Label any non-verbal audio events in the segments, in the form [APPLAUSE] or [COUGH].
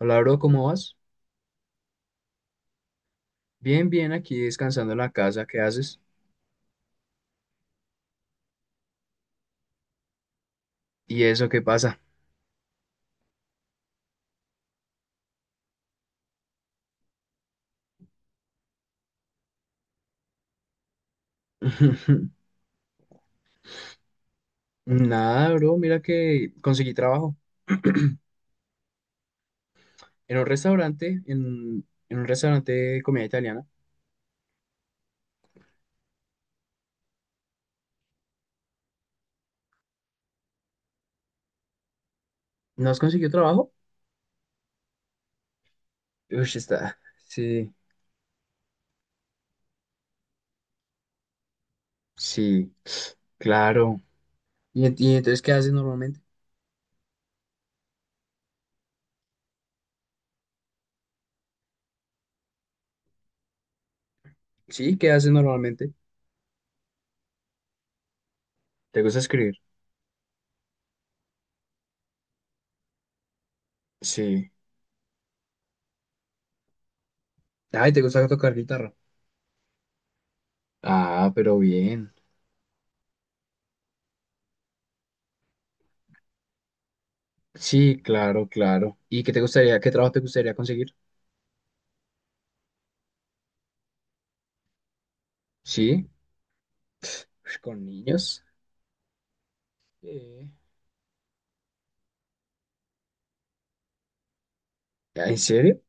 Hola, bro, ¿cómo vas? Bien, bien, aquí descansando en la casa, ¿qué haces? ¿Y eso qué pasa? [LAUGHS] Nada, bro, mira que conseguí trabajo en un restaurante, en un restaurante de comida italiana. ¿No has conseguido trabajo? Uy, está. Sí, sí, claro. ¿Y, y entonces qué haces normalmente? Sí, ¿qué haces normalmente? ¿Te gusta escribir? Sí. Ay, ¿te gusta tocar guitarra? Ah, pero bien. Sí, claro, claro. ¿Y qué te gustaría, qué trabajo te gustaría conseguir? Sí. Ush, ¿con niños? Sí. ¿En serio?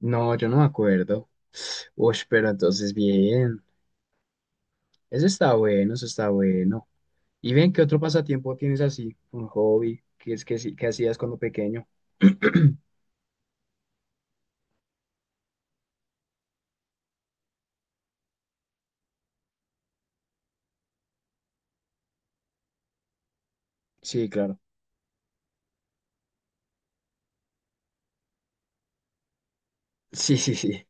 No, yo no me acuerdo. Uy, pero entonces bien. Eso está bueno, eso está bueno. Y ven, ¿qué otro pasatiempo tienes así? Un hobby. ¿Qué es que sí, que hacías cuando pequeño? [CLEARS THROAT] Sí, claro. Sí, sí, sí.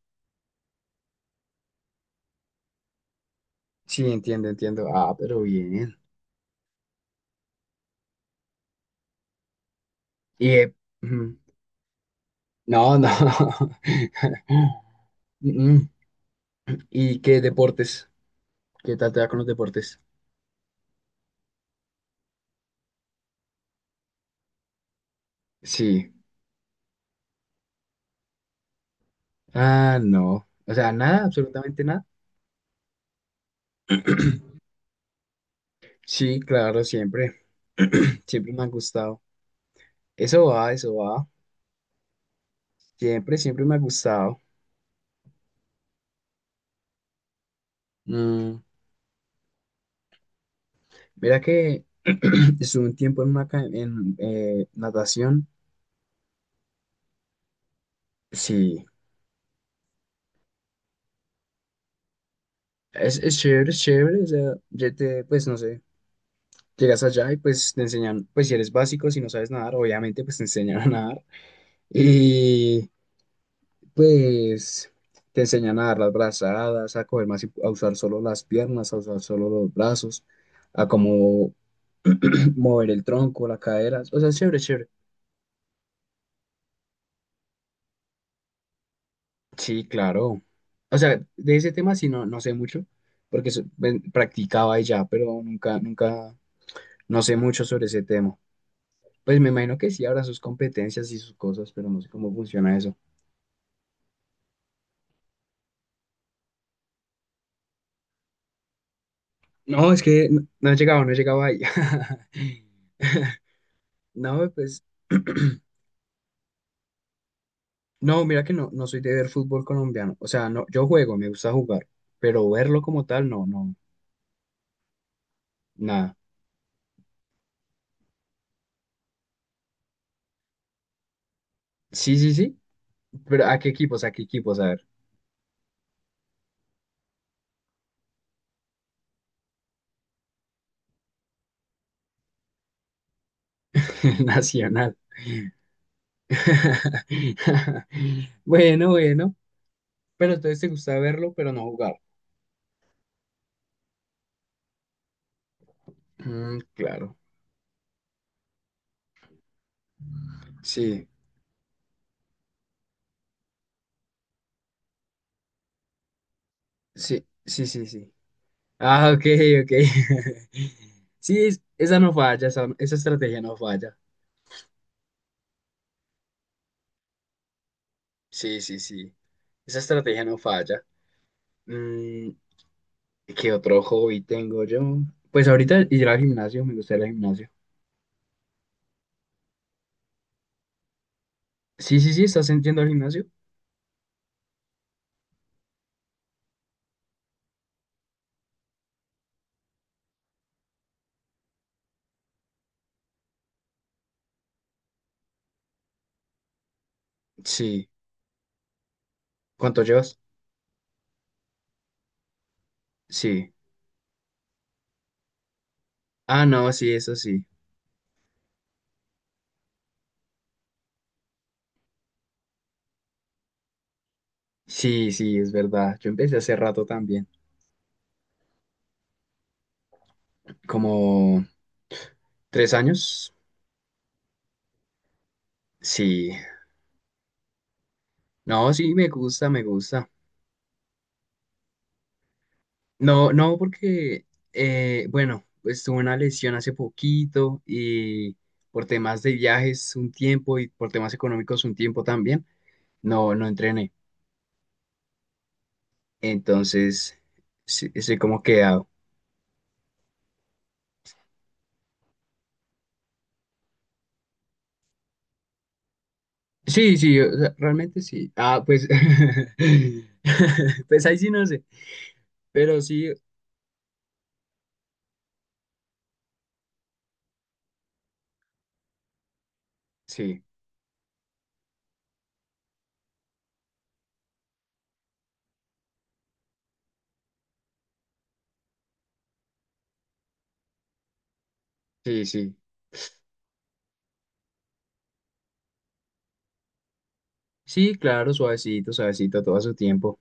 Sí, entiendo, entiendo. Ah, pero bien. Y mm, no, no. [LAUGHS] mm. ¿Y qué deportes? ¿Qué tal te va con los deportes? Sí. Ah, no. O sea, nada, absolutamente nada. Sí, claro, siempre. [CLEARS THROAT] Siempre me ha gustado. Eso va, eso va. Siempre, siempre me ha gustado. Mm, mira que [CLEARS THROAT] estuve un tiempo en, una, en natación. Sí, es chévere, es chévere. O sea, ya te, pues no sé, llegas allá y pues te enseñan, pues si eres básico, si no sabes nadar, obviamente pues te enseñan a nadar. Y pues te enseñan a dar las brazadas, a coger más, a usar solo las piernas, a usar solo los brazos, a cómo [CLEARS THROAT] mover el tronco, las caderas. O sea, es chévere, es chévere. Sí, claro. O sea, de ese tema sí no, no sé mucho, porque practicaba y ya, pero nunca, nunca, no sé mucho sobre ese tema. Pues me imagino que sí habrá sus competencias y sus cosas, pero no sé cómo funciona eso. No, es que no, no he llegado, no he llegado ahí. [LAUGHS] No, pues [CLEARS THROAT] no, mira que no, no soy de ver fútbol colombiano. O sea, no, yo juego, me gusta jugar, pero verlo como tal, no, no, nada. Sí, sí, sí, pero ¿a qué equipos? ¿A qué equipos? A ver, [LAUGHS] Nacional. [LAUGHS] Bueno, bueno, pero entonces te gusta verlo, pero no jugar. Claro, sí, sí, sí, sí, sí. Ah, ok, ok. [LAUGHS] Sí, esa no falla, esa estrategia no falla. Sí, sí, sí, esa estrategia no falla. Mm, ¿Qué otro hobby tengo yo? Pues ahorita ir al gimnasio, me gusta ir al gimnasio. Sí, sí, sí, ¿estás yendo al gimnasio? Sí. ¿Cuánto llevas? Sí. Ah, no, sí, eso sí. Sí, sí, es verdad. Yo empecé hace rato también. ¿Como 3 años? Sí. No, sí, me gusta, me gusta. No, no, porque, bueno, pues tuve una lesión hace poquito y por temas de viajes un tiempo y por temas económicos un tiempo también. No, no entrené. Entonces, sí, sí, como que ah, sí, sí, o sea, realmente sí. Ah, pues, [LAUGHS] pues ahí sí no sé, pero sí, sí, sí, sí. Sí, claro, suavecito, suavecito, todo a su tiempo.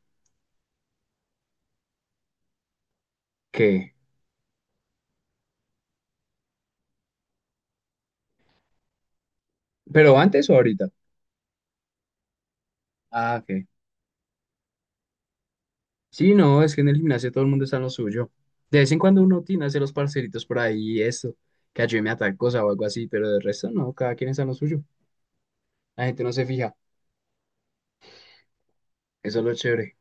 ¿Qué? ¿Pero antes o ahorita? Ah, ¿qué? Sí, no, es que en el gimnasio todo el mundo está en lo suyo. De vez en cuando uno tiene hace los parceritos por ahí y eso, que ayúdeme a tal cosa o algo así, pero del resto no, cada quien está en lo suyo. La gente no se fija, eso es lo chévere.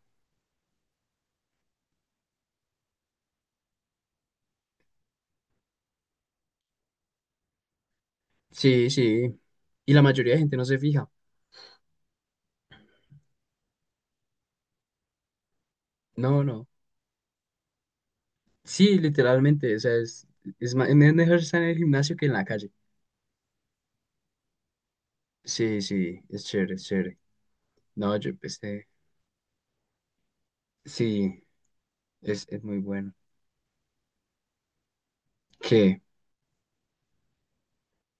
Sí, sí, y la mayoría de gente no se fija. No, no. Sí, literalmente, o sea, es, es mejor estar en el gimnasio que en la calle. Sí, sí, es chévere, es chévere. No, yo empecé. Sí, es muy bueno. ¿Qué?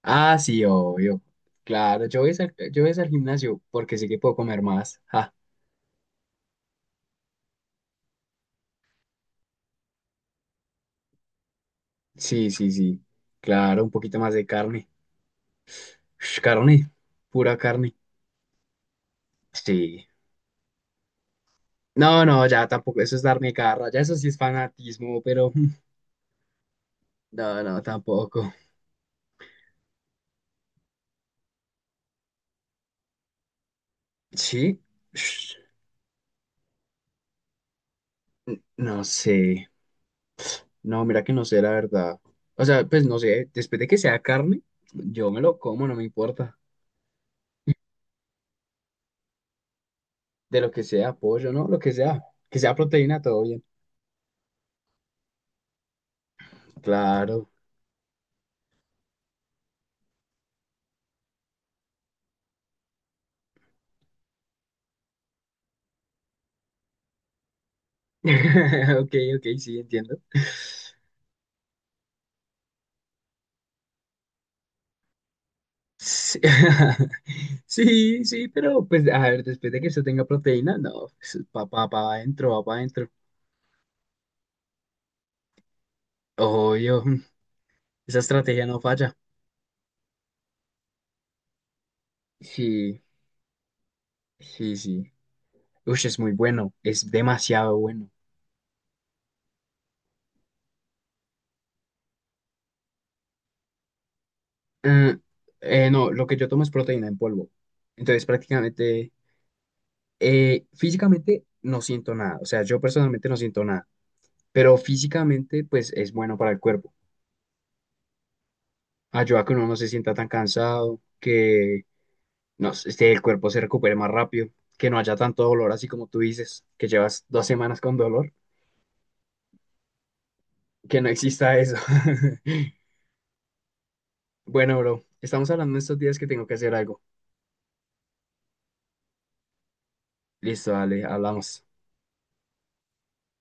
Ah, sí, obvio. Claro, yo voy al gimnasio porque sé que puedo comer más. Ah, sí, sí, sí. Claro, un poquito más de carne. Ush, carne, pura carne. Sí. No, no, ya tampoco. Eso es darme garra. Ya eso sí es fanatismo, pero [LAUGHS] no, no, tampoco. Sí. Ush, no sé. No, mira que no sé, la verdad. O sea, pues no sé, después de que sea carne, yo me lo como, no me importa. De lo que sea, pollo, ¿no? Lo que sea. Que sea proteína, todo bien. Claro. [LAUGHS] Ok, ok, sí, entiendo. Sí, [LAUGHS] sí, sí, pero pues a ver, después de que eso tenga proteína, no, pues, pa, pa, pa adentro, va para adentro. Obvio, esa estrategia no falla. Sí, sí, sí. Uy, es muy bueno, es demasiado bueno. Mm, no, lo que yo tomo es proteína en polvo. Entonces, prácticamente, físicamente no siento nada. O sea, yo personalmente no siento nada. Pero físicamente, pues es bueno para el cuerpo. Ayuda a que uno no se sienta tan cansado, que no, sé, este, el cuerpo se recupere más rápido, que no haya tanto dolor, así como tú dices, que llevas 2 semanas con dolor, que no exista eso. [LAUGHS] Bueno, bro, estamos hablando estos días que tengo que hacer algo. Listo, dale, hablamos.